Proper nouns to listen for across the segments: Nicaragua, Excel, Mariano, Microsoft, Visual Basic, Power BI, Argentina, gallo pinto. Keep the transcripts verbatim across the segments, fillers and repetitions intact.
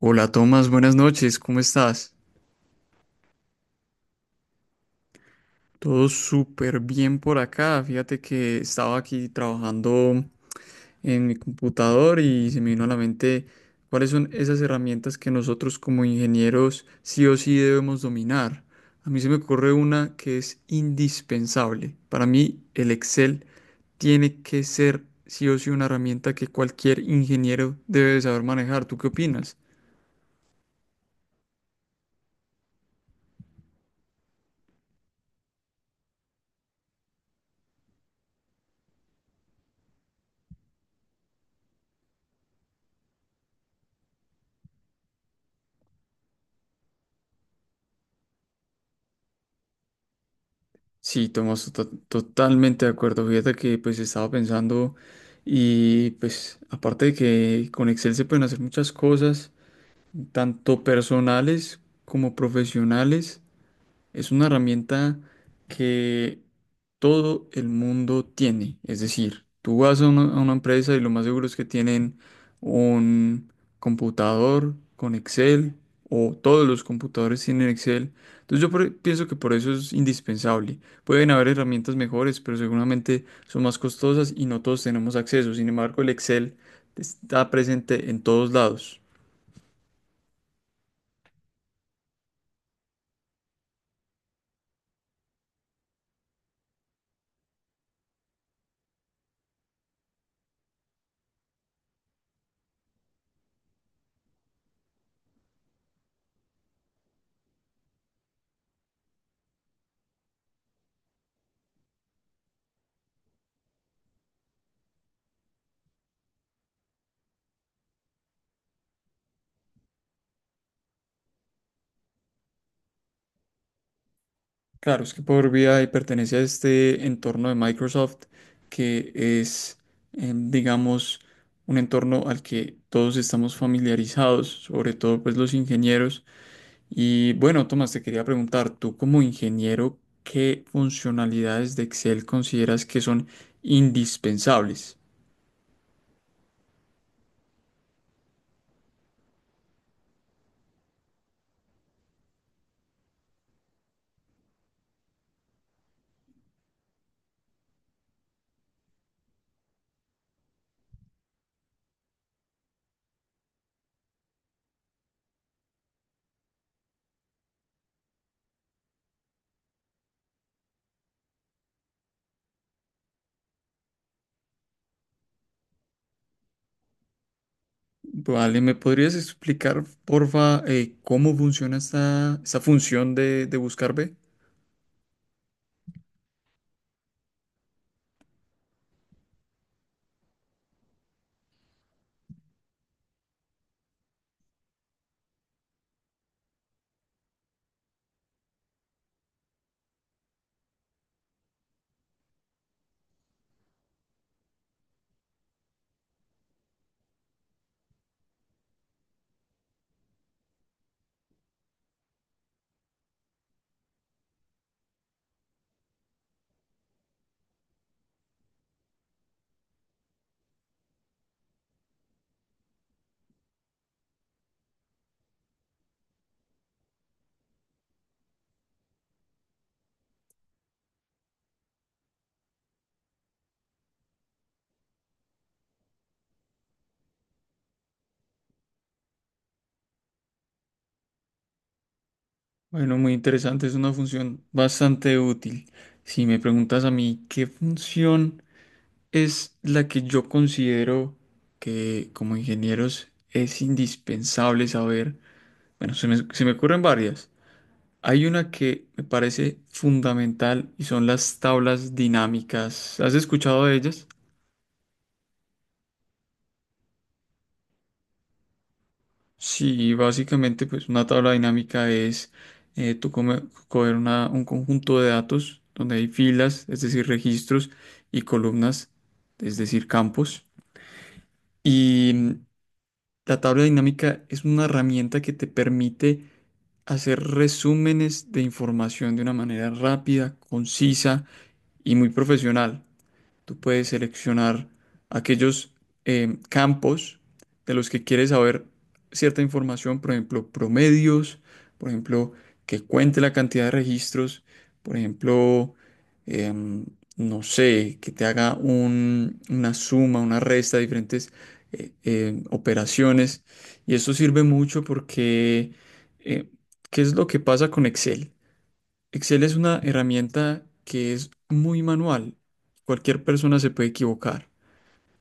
Hola Tomás, buenas noches, ¿cómo estás? Todo súper bien por acá. Fíjate que estaba aquí trabajando en mi computador y se me vino a la mente cuáles son esas herramientas que nosotros como ingenieros sí o sí debemos dominar. A mí se me ocurre una que es indispensable. Para mí el Excel tiene que ser sí o sí una herramienta que cualquier ingeniero debe saber manejar. ¿Tú qué opinas? Sí, Tomás, to- totalmente de acuerdo. Fíjate que pues estaba pensando y pues aparte de que con Excel se pueden hacer muchas cosas, tanto personales como profesionales. Es una herramienta que todo el mundo tiene. Es decir, tú vas a una, a una empresa y lo más seguro es que tienen un computador con Excel o todos los computadores tienen Excel. Entonces yo por- pienso que por eso es indispensable. Pueden haber herramientas mejores, pero seguramente son más costosas y no todos tenemos acceso. Sin embargo, el Excel está presente en todos lados. Claro, es que Power B I pertenece a este entorno de Microsoft que es, eh, digamos, un entorno al que todos estamos familiarizados, sobre todo pues los ingenieros. Y bueno, Tomás, te quería preguntar, tú como ingeniero, ¿qué funcionalidades de Excel consideras que son indispensables? Vale, ¿me podrías explicar, porfa, eh, cómo funciona esta, esta función de, de buscar B? Bueno, muy interesante, es una función bastante útil. Si me preguntas a mí qué función es la que yo considero que como ingenieros es indispensable saber, bueno, se me, se me ocurren varias. Hay una que me parece fundamental y son las tablas dinámicas. ¿Has escuchado de ellas? Sí, básicamente pues una tabla dinámica es eh, tú come- coger una- un conjunto de datos donde hay filas, es decir, registros y columnas, es decir, campos. Y mm, la tabla dinámica es una herramienta que te permite hacer resúmenes de información de una manera rápida, concisa y muy profesional. Tú puedes seleccionar aquellos eh, campos de los que quieres saber cierta información, por ejemplo, promedios, por ejemplo, que cuente la cantidad de registros, por ejemplo, em, no sé, que te haga un- una suma, una resta de diferentes eh, em, operaciones. Y eso sirve mucho porque, eh, ¿qué es lo que pasa con Excel? Excel es una herramienta que es muy manual. Cualquier persona se puede equivocar.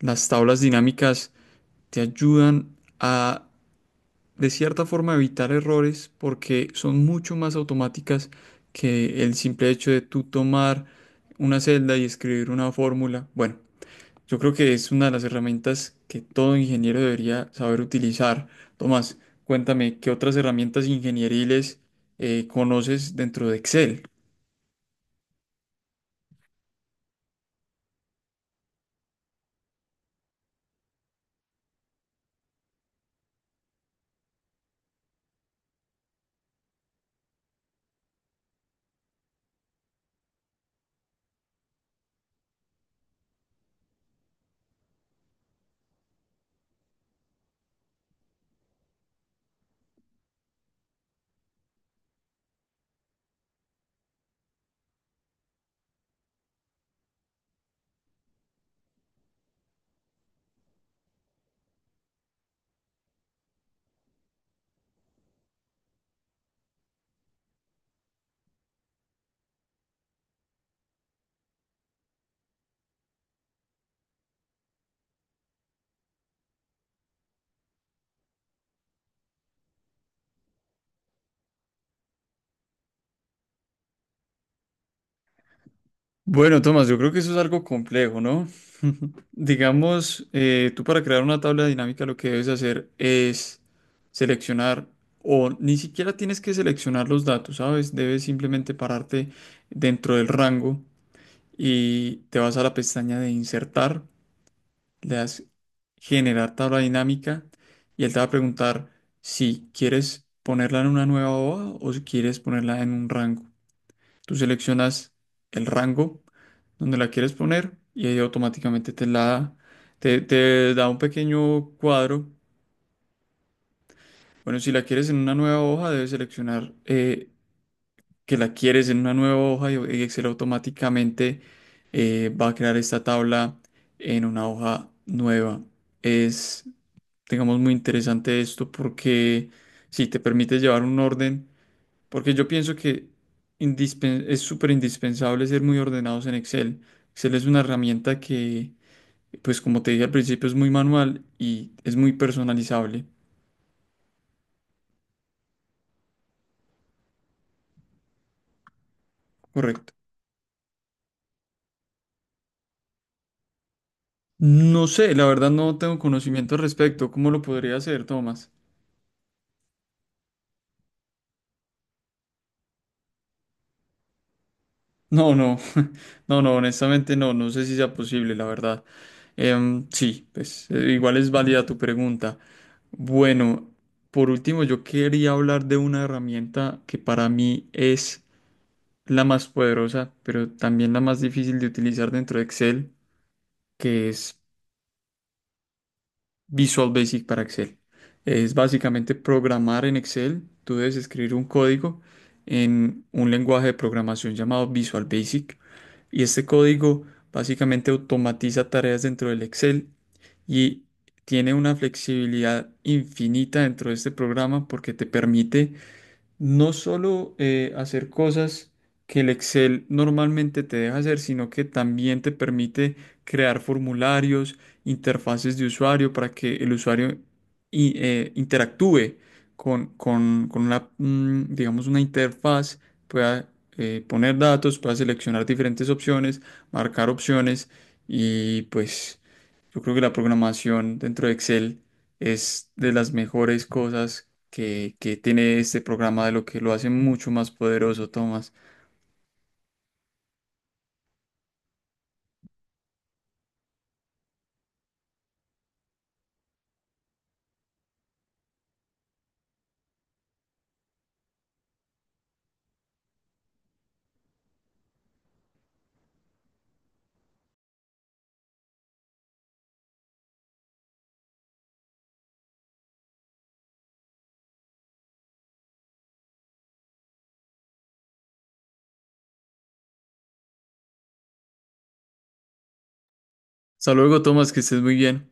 Las tablas dinámicas te ayudan a, de cierta forma, evitar errores porque son mucho más automáticas que el simple hecho de tú tomar una celda y escribir una fórmula. Bueno, yo creo que es una de las herramientas que todo ingeniero debería saber utilizar. Tomás, cuéntame, ¿qué otras herramientas ingenieriles eh, conoces dentro de Excel? Bueno, Tomás, yo creo que eso es algo complejo, ¿no? Digamos, eh, tú para crear una tabla dinámica lo que debes hacer es seleccionar, o ni siquiera tienes que seleccionar los datos, ¿sabes? Debes simplemente pararte dentro del rango y te vas a la pestaña de insertar, le das generar tabla dinámica y él te va a preguntar si quieres ponerla en una nueva hoja o si quieres ponerla en un rango. Tú seleccionas el rango donde la quieres poner y ahí automáticamente te la da. Te, te da un pequeño cuadro. Bueno, si la quieres en una nueva hoja, debes seleccionar eh, que la quieres en una nueva hoja y y Excel automáticamente eh, va a crear esta tabla en una hoja nueva. Es, digamos, muy interesante esto porque si te permite llevar un orden porque yo pienso que indispen- es súper indispensable ser muy ordenados en Excel. Excel es una herramienta que, pues como te dije al principio, es muy manual y es muy personalizable. Correcto. No sé, la verdad no tengo conocimiento al respecto. ¿Cómo lo podría hacer, Tomás? No, no, no, no, honestamente no, no sé si sea posible, la verdad. Em, sí, pues eh, igual es válida tu pregunta. Bueno, por último, yo quería hablar de una herramienta que para mí es la más poderosa, pero también la más difícil de utilizar dentro de Excel, que es Visual Basic para Excel. Es básicamente programar en Excel. Tú debes escribir un código en un lenguaje de programación llamado Visual Basic y este código básicamente automatiza tareas dentro del Excel y tiene una flexibilidad infinita dentro de este programa porque te permite no solo eh, hacer cosas que el Excel normalmente te deja hacer, sino que también te permite crear formularios, interfaces de usuario para que el usuario i- eh, interactúe con, con- con una, mm, digamos, una interfaz, pueda eh, poner datos, pueda seleccionar diferentes opciones, marcar opciones y pues... Yo creo que la programación dentro de Excel es de las mejores cosas que, que tiene este programa, de lo que lo hace mucho más poderoso, Tomás. Hasta luego, Tomás, que estés muy bien.